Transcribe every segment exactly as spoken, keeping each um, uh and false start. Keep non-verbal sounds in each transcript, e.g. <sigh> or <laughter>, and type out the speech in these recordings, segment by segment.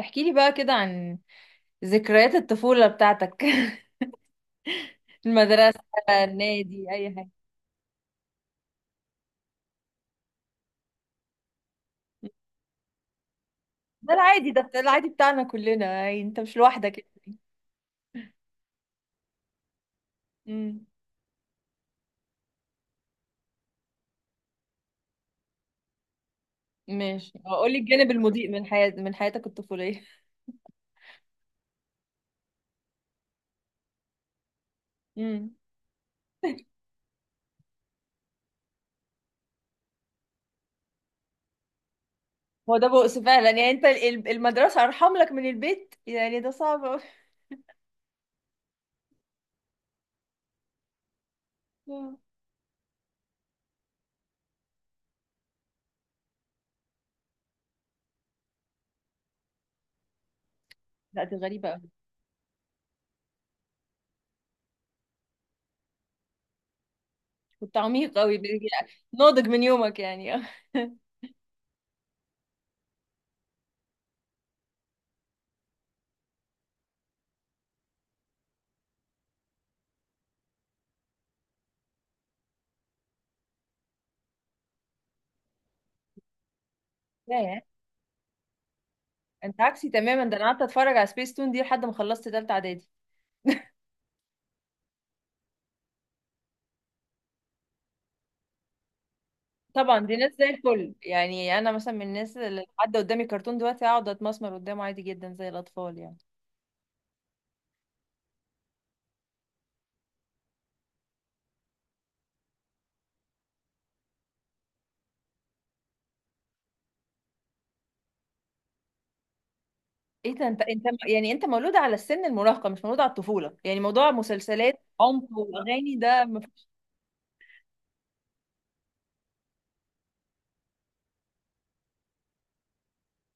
احكي لي بقى كده عن ذكريات الطفولة بتاعتك. <laughs> المدرسة، النادي، أي حاجة. ده العادي، ده بتاع- العادي بتاعنا كلنا يعني، انت مش لوحدك يعني. امم. ماشي، اقول لي الجانب المضيء من حياة من حياتك الطفولية. <laughs> امم. هو ده بؤس فعلا يعني، انت ال- ال- المدرسة أرحم لك من البيت، يعني ده صعب أوي. مم. لا دي غريبة أوي. كنت عميق أوي ب- ناضج من يومك يعني. <laughs> لا يا، انت عكسي تماما، ده انا قعدت اتفرج على سبيس تون دي لحد ما خلصت تالتة اعدادي. طبعا دي ناس زي الفل، يعني انا مثلا من الناس اللي حد قدامي كرتون دلوقتي اقعد اتمسمر قدامه عادي جدا زي الاطفال يعني. ايه ده انت انت. يعني انت مولود على السن المراهقه، مش مولود على الطفوله، يعني موضوع مسلسلات عنف واغاني ده ما فيش.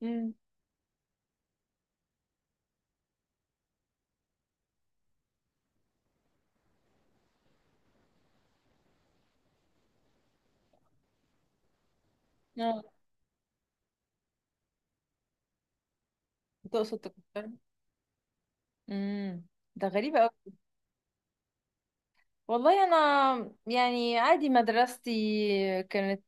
امم. اه، تقصد تكتر. امم. ده غريب قوي. والله انا يعني عادي، مدرستي كانت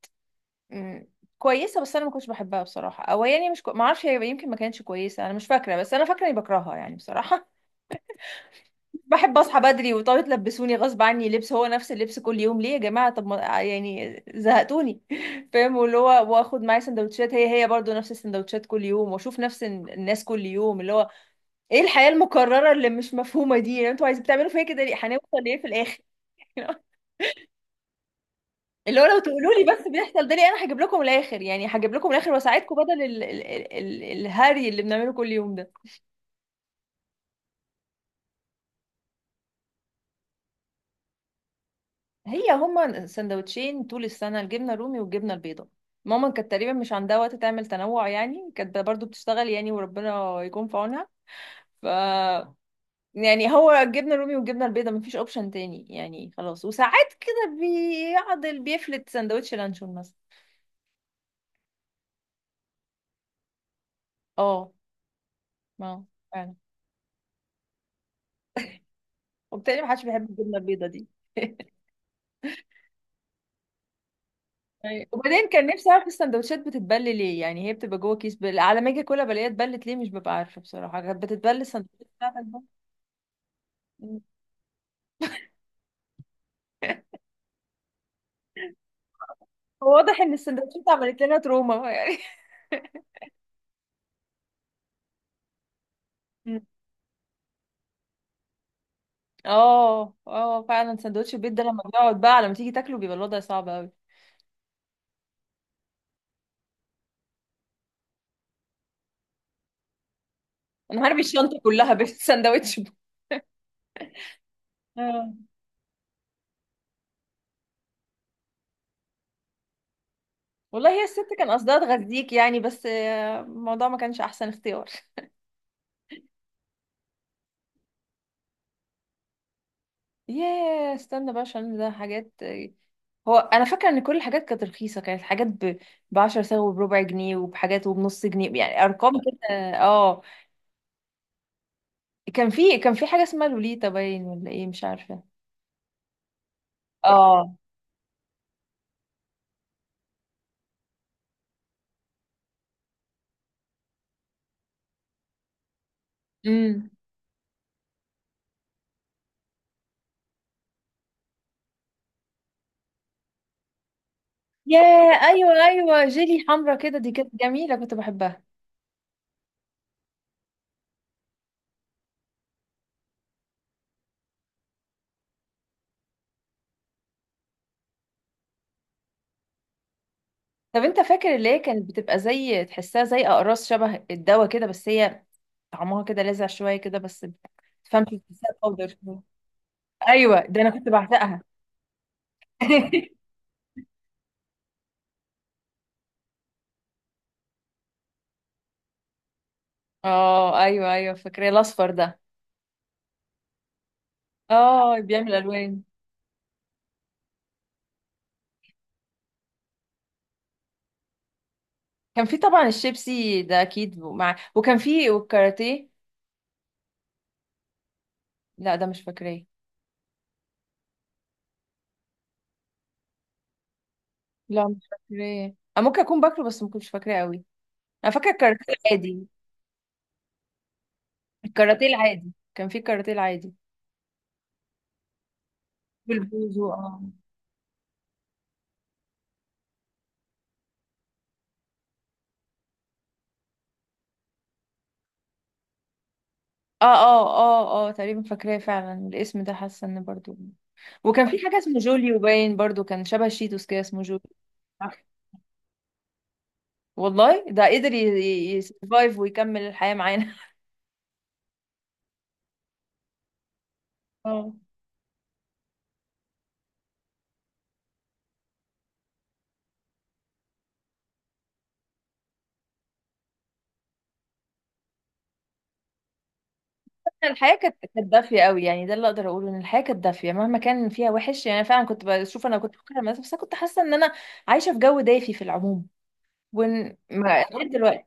مم، كويسه، بس انا ما كنتش بحبها بصراحه، او يعني مش كو... ما اعرفش، هي يمكن ما كانتش كويسه، انا مش فاكره، بس انا فاكره اني بكرهها يعني بصراحه. بحب اصحى بدري وتقعدوا تلبسوني غصب عني لبس، هو نفس اللبس كل يوم ليه يا جماعه؟ طب ما آه، يعني زهقتوني. <laughs> فاهم، واللي هو واخد معايا سندوتشات، هي هي برضو نفس السندوتشات كل يوم، واشوف نفس الن- الناس كل يوم، اللي هو ايه الحياه المكرره اللي مش مفهومه دي؟ يعني انتوا عايزين بتعملوا فيا كده ليه؟ هنوصل ليه في الاخر؟ <laughs> اللي هو لو تقولوا لي بس بيحصل ده ليه، انا هجيب لكم الاخر يعني، هجيب لكم الاخر واساعدكم، بدل ال ال ال ال الهري اللي بنعمله كل يوم ده. هي هما سندوتشين طول السنة، الجبنة الرومي والجبنة البيضاء. ماما كانت تقريبا مش عندها وقت تعمل تنوع يعني، كانت برضو بتشتغل يعني، وربنا يكون في عونها. ف يعني هو الجبنة الرومي والجبنة البيضاء، مفيش اوبشن تاني يعني خلاص. وساعات كده بيعضل، بيفلت سندوتش لانشون مثلا. اه، ما فعلا، وبالتالي محدش بيحب الجبنة البيضاء دي. <laughs> أيوة. وبعدين كان نفسي اعرف السندوتشات بتتبل ليه؟ يعني هي بتبقى جوه كيس، بل... على ما اجي اكلها بلاقيها اتبلت ليه مش ببقى عارفه بصراحه. كانت بتتبل السندوتشات بتاعتك؟ بقى هو واضح ان السندوتشات عملت لنا تروما يعني. مم. اه اه فعلا، سندوتش البيت ده لما بيقعد بقى لما تيجي تاكله بيبقى الوضع صعب قوي. انا هرمي الشنطه كلها بالسندوتش ده. <laughs> اه، والله هي الست كان قصدها تغذيك يعني، بس آه، الموضوع ما كانش احسن اختيار. ياه، استنى بقى، عشان ده حاجات آه، هو انا فاكره ان كل الحاجات كانت رخيصه، كانت حاجات ب عشرة سنت، وبربع جنيه، وبحاجات، وبنص جنيه، يعني ارقام كده. اه، كان في كان في حاجه اسمها لوليتا، باين ولا ايه مش عارفه. اه. امم. ياه، ايوه ايوه، جيلي حمرا كده دي، كانت جميله كنت بحبها. طب انت فاكر اللي هي كانت بتبقى زي، تحسها زي اقراص شبه الدواء كده، بس هي طعمها كده لاذع شويه كده بس، تفهمش، تحسها باودر شوية. ايوه، ده انا كنت بعشقها. <laughs> اه ايوه ايوه، فاكره الاصفر ده. اه، بيعمل الوان. كان في طبعا الشيبسي ده اكيد، مع، وكان في، والكاراتيه. لا ده مش فاكراه. لا مش فاكراه أنا، ممكن اكون باكله بس ما كنتش فاكراه قوي. انا فاكره الكاراتيه عادي. الكاراتيه العادي، كان في الكاراتيه العادي. بالبوزو، اه اه اه اه اه تقريبا فاكراه فعلا، الاسم ده حاسه ان برضو. وكان في حاجه اسمه جوليو، باين برضو كان شبه شيتوس كده، اسمه جوليو. صح. والله ده قدر يسرفايف ويكمل الحياه معانا. اه. <laughs> الحياه كانت كانت دافيه قوي يعني، ده اللي اقدر اقوله، ان الحياه كانت دافيه مهما كان فيها وحش يعني. أنا فعلا كنت بشوف، انا كنت بكره المدرسه، بس أنا كنت حاسه ان انا عايشه في جو دافي في العموم، وان ما <laughs> لغاية دلوقتي.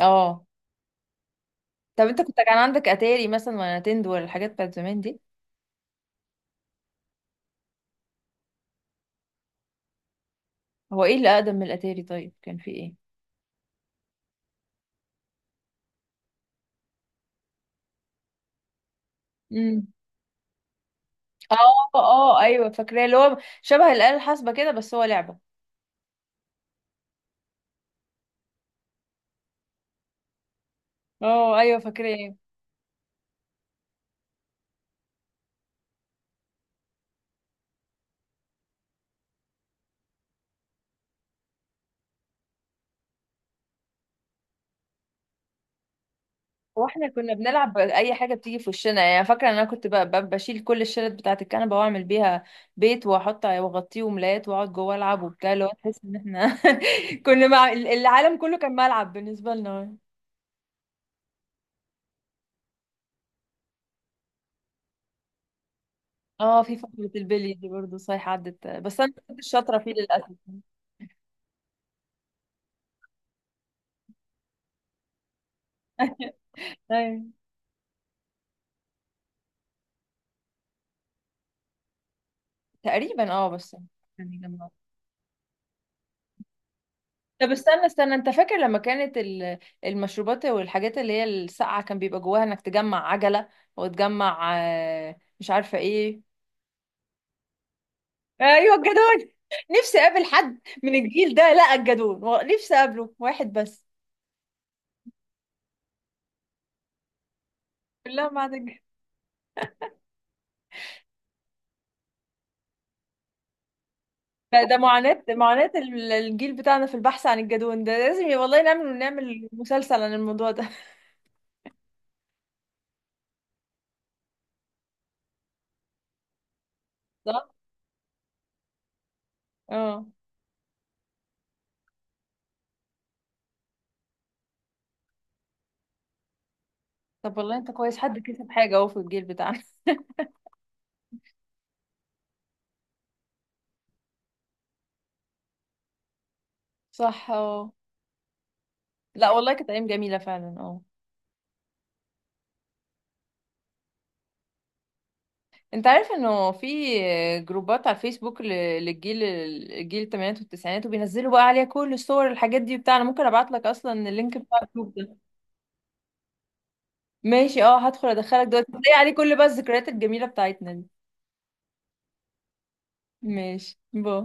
اه. طب انت كنت كان عندك اتاري مثلا، ولا نتندو، ولا الحاجات بتاعت زمان دي؟ هو ايه اللي اقدم من الاتاري؟ طيب كان في ايه؟ امم. اه اه ايوه فاكراه، اللي هو شبه الآلة الحاسبة كده بس هو لعبة. اه ايوه فاكراه. واحنا كنا بنلعب اي حاجه بتيجي في وشنا يعني. فاكره ان انا كنت ب- ب- بشيل كل الشلت بتاعه الكنبه واعمل بيها بيت، واحط واغطيه وملايات، واقعد جوه العب وبتاع، اللي هو تحس ان احنا <laughs> كنا مع العالم كله، كان ملعب بالنسبه لنا. اه، في فقره البلي دي برضه صحيح عدت، بس انا ما كنتش شاطره فيه للاسف. ايوه تقريبا اه، بس يعني لما، طب استنى استنى، انت فاكر لما كانت ال- المشروبات والحاجات اللي هي الساقعة، كان بيبقى جواها انك تجمع عجلة، وتجمع آه، مش عارفة ايه؟ ايوه الجدون. <laughs> نفسي اقابل حد من الجيل ده، لا الجدون و- نفسي اقابله واحد بس. كلها ما عدا الجدون. ده ده معاناة، معاناة ال- الجيل بتاعنا في البحث عن الجدون ده، لازم ي- والله نعمل، نعمل مسلسل عن الموضوع ده. <laughs> صح؟ اه. طب والله انت كويس، حد كسب حاجة اهو في الجيل بتاعنا. <laughs> صح اه. لا والله كانت ايام جميله فعلا، اه. انت عارف انه في جروبات على الفيسبوك ل- للجيل، الجيل الثمانينات والتسعينات، وبينزلوا بقى عليها كل الصور، الحاجات دي بتاع؟ انا ممكن ابعت لك اصلا اللينك بتاع الجروب ده. ماشي اه، هدخل، ادخلك دلوقتي، هتلاقي عليه كل بقى الذكريات الجميله بتاعتنا دي. ماشي. باي.